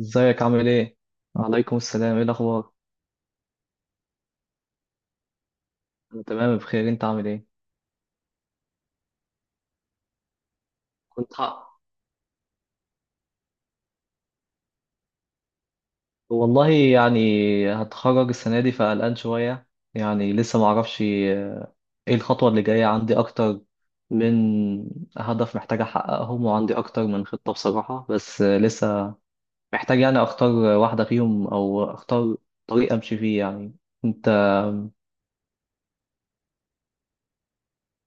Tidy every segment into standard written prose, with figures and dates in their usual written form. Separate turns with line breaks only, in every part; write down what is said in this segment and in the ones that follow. ازيك، عامل ايه؟ وعليكم السلام، ايه الاخبار؟ انا تمام بخير، انت عامل ايه؟ كنت ح... والله يعني هتخرج السنة دي، فقلقان شوية. يعني لسه معرفش ايه الخطوة اللي جاية. عندي اكتر من هدف محتاج احققهم، وعندي اكتر من خطة بصراحة، بس لسه محتاج يعني اختار واحدة فيهم او اختار طريق امشي فيه يعني. انت.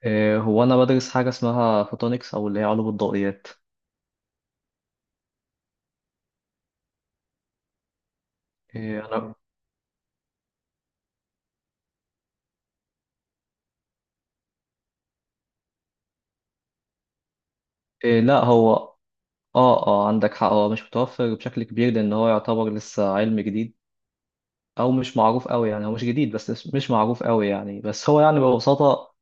هو انا بدرس حاجة اسمها فوتونكس او اللي هي علوم الضوئيات. آه، انا آه، لا، هو اه اه عندك حق، هو مش متوفر بشكل كبير لان هو يعتبر لسه علم جديد، او مش معروف قوي. يعني هو مش جديد، بس مش معروف قوي يعني. بس هو يعني ببساطة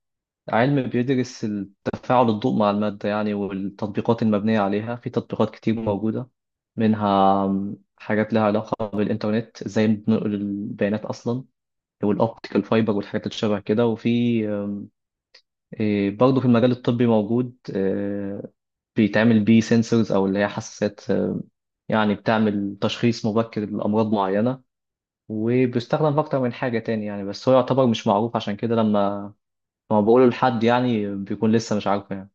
علم بيدرس تفاعل الضوء مع المادة يعني، والتطبيقات المبنية عليها. في تطبيقات كتير موجودة منها حاجات لها علاقة بالإنترنت، ازاي بننقل البيانات أصلا، والأوبتيكال فايبر والحاجات اللي شبه كده. وفي آم، إيه، برضه في المجال الطبي موجود بيتعمل بيه سنسورز أو اللي هي حساسات يعني بتعمل تشخيص مبكر لأمراض معينة، وبيستخدم في أكتر من حاجة تاني يعني. بس هو يعتبر مش معروف، عشان كده لما بقوله لحد يعني بيكون لسه مش عارفه يعني.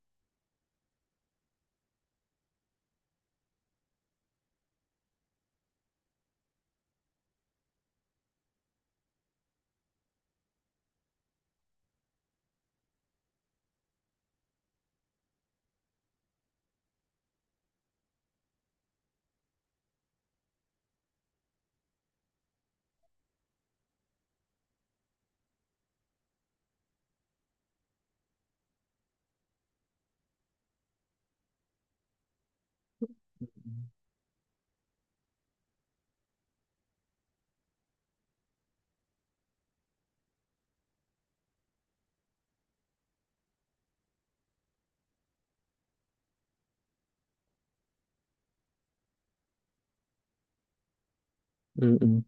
م-م.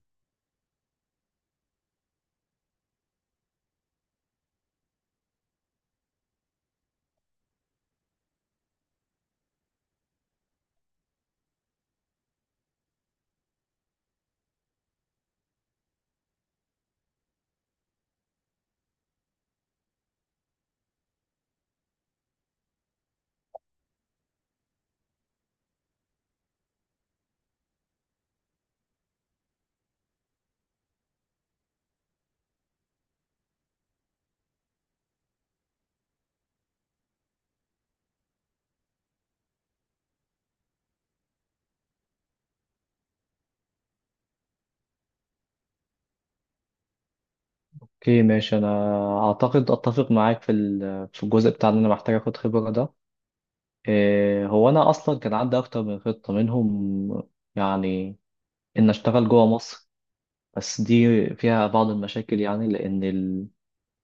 اوكي ماشي. أنا أعتقد أتفق معاك في الجزء بتاع إن أنا محتاج آخد خبرة ده. إيه، هو أنا أصلا كان عندي أكتر من خطة منهم. يعني إن أشتغل جوه مصر، بس دي فيها بعض المشاكل يعني، لأن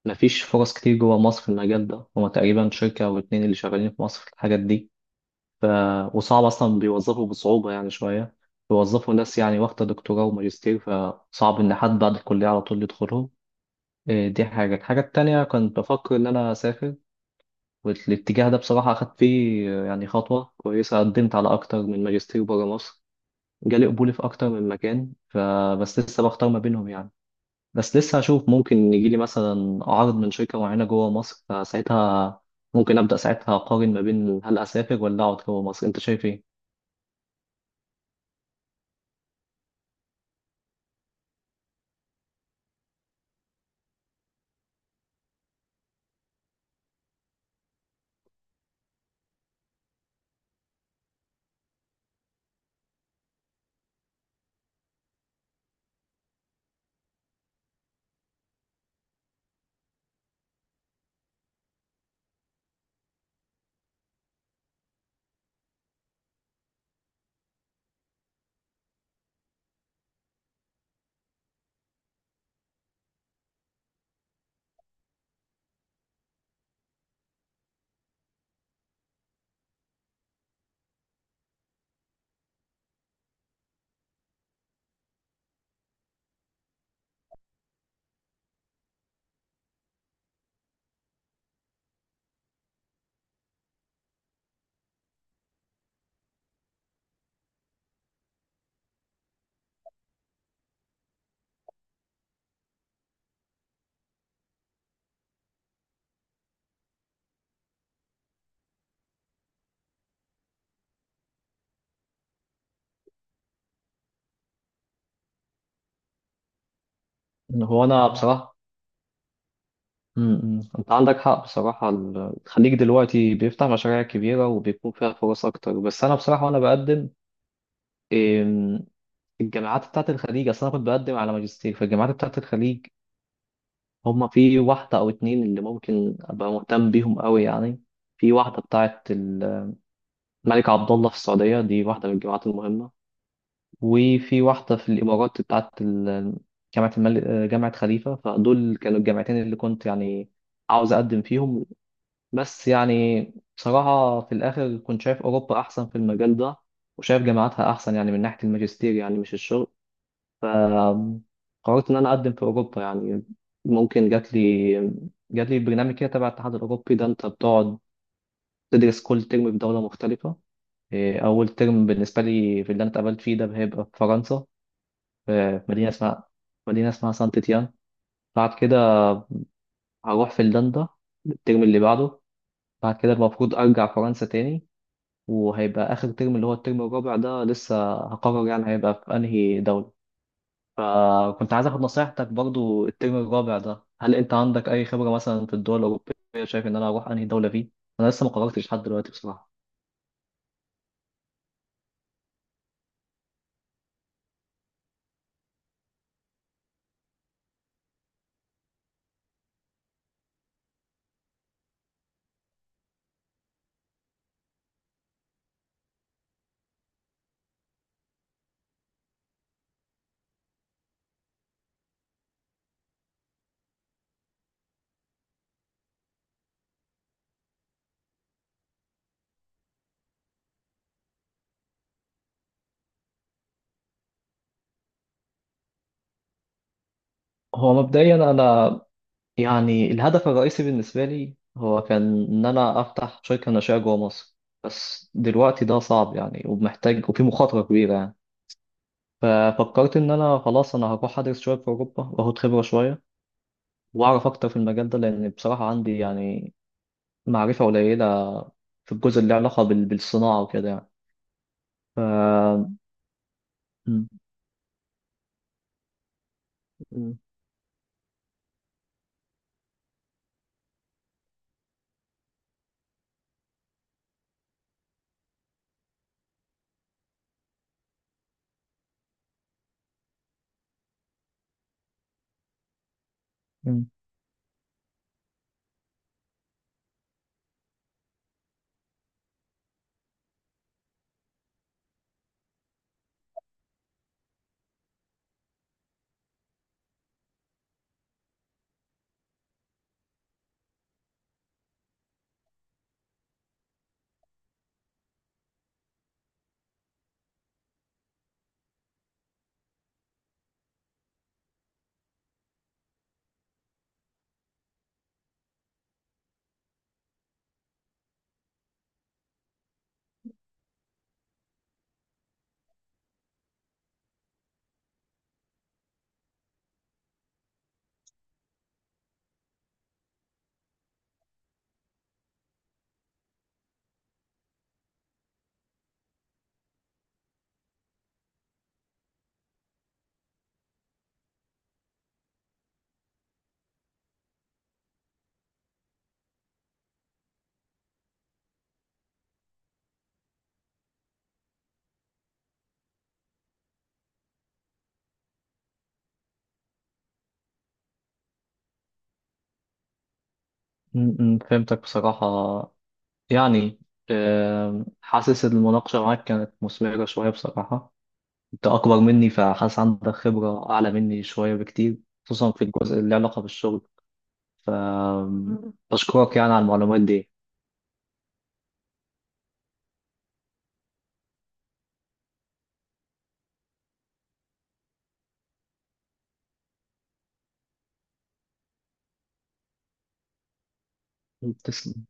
مفيش فرص كتير جوه مصر في المجال ده. هما تقريبا شركة أو اتنين اللي شغالين في مصر في الحاجات دي. ف... وصعب أصلا، بيوظفوا بصعوبة يعني شوية، بيوظفوا ناس يعني واخدة دكتوراه وماجستير، فصعب إن حد بعد الكلية على طول يدخلهم. إيه، دي حاجة. الحاجة التانية كنت بفكر إن أنا أسافر، والاتجاه ده بصراحة أخدت فيه يعني خطوة كويسة. قدمت على أكتر من ماجستير برا مصر، جالي قبول في أكتر من مكان، فبس لسه بختار ما بينهم يعني. بس لسه هشوف، ممكن يجي لي مثلا عرض من شركة معينة جوه مصر، فساعتها ممكن أبدأ ساعتها أقارن ما بين هل أسافر ولا أقعد جوه مصر. أنت شايف إيه؟ هو أنا بصراحة. م-م. أنت عندك حق بصراحة. الخليج دلوقتي بيفتح مشاريع كبيرة، وبيكون فيها فرص أكتر. بس أنا بصراحة وأنا بقدم إم، الجامعات بتاعت الخليج، أصل أنا كنت بقدم على ماجستير فالجامعات بتاعت الخليج. هما في واحدة أو اتنين اللي ممكن أبقى مهتم بيهم أوي يعني. في واحدة بتاعت الملك عبد الله في السعودية، دي واحدة من الجامعات المهمة. وفي واحدة في الإمارات بتاعت جامعة الملك جامعة خليفة. فدول كانوا الجامعتين اللي كنت يعني عاوز أقدم فيهم، بس يعني بصراحة في الآخر كنت شايف أوروبا أحسن في المجال ده، وشايف جامعاتها أحسن يعني من ناحية الماجستير يعني، مش الشغل. فقررت إن أنا أقدم في أوروبا يعني. ممكن جات لي برنامج كده تبع الاتحاد الأوروبي ده. أنت بتقعد تدرس كل ترم في دولة مختلفة. إيه، أول ترم بالنسبة لي في اللي أنا اتقابلت فيه ده هيبقى في فرنسا، في مدينة اسمها سانت تيان. بعد كده هروح فنلندا الترم اللي بعده. بعد كده المفروض أرجع فرنسا تاني، وهيبقى آخر ترم اللي هو الترم الرابع ده لسه هقرر يعني هيبقى في أنهي دولة. فكنت عايز آخد نصيحتك برضو الترم الرابع ده. هل أنت عندك أي خبرة مثلا في الدول الأوروبية؟ شايف إن أنا أروح أنهي دولة فيه؟ أنا لسه ما قررتش لحد دلوقتي بصراحة. هو مبدئيا أنا يعني الهدف الرئيسي بالنسبة لي هو كان إن أنا أفتح شركة ناشئة جوه مصر، بس دلوقتي ده صعب يعني، ومحتاج وفي مخاطرة كبيرة يعني. ففكرت إن أنا خلاص أنا هروح أدرس شوية في أوروبا وآخد خبرة شوية، وأعرف أكتر في المجال ده، لأن بصراحة عندي يعني معرفة قليلة في الجزء اللي له علاقة بالصناعة وكده يعني. ف م- م- فهمتك بصراحة. يعني حاسس إن المناقشة معاك كانت مثمرة شوية بصراحة. انت اكبر مني، فحاسس عندك خبرة اعلى مني شوية بكتير، خصوصا في الجزء اللي له علاقة بالشغل. ف بشكرك يعني على المعلومات دي. تسلم.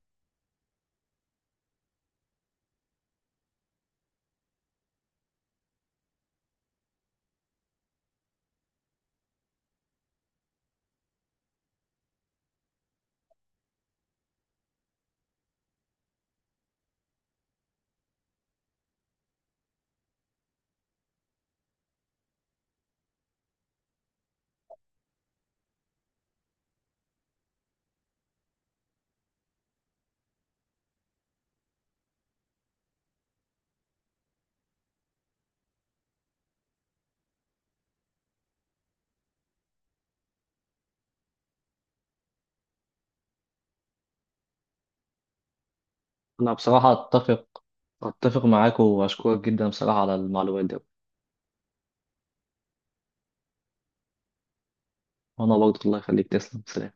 انا بصراحة اتفق معاك، واشكرك جدا بصراحة على المعلومات دي. وانا برضه الله يخليك. تسلم، سلام.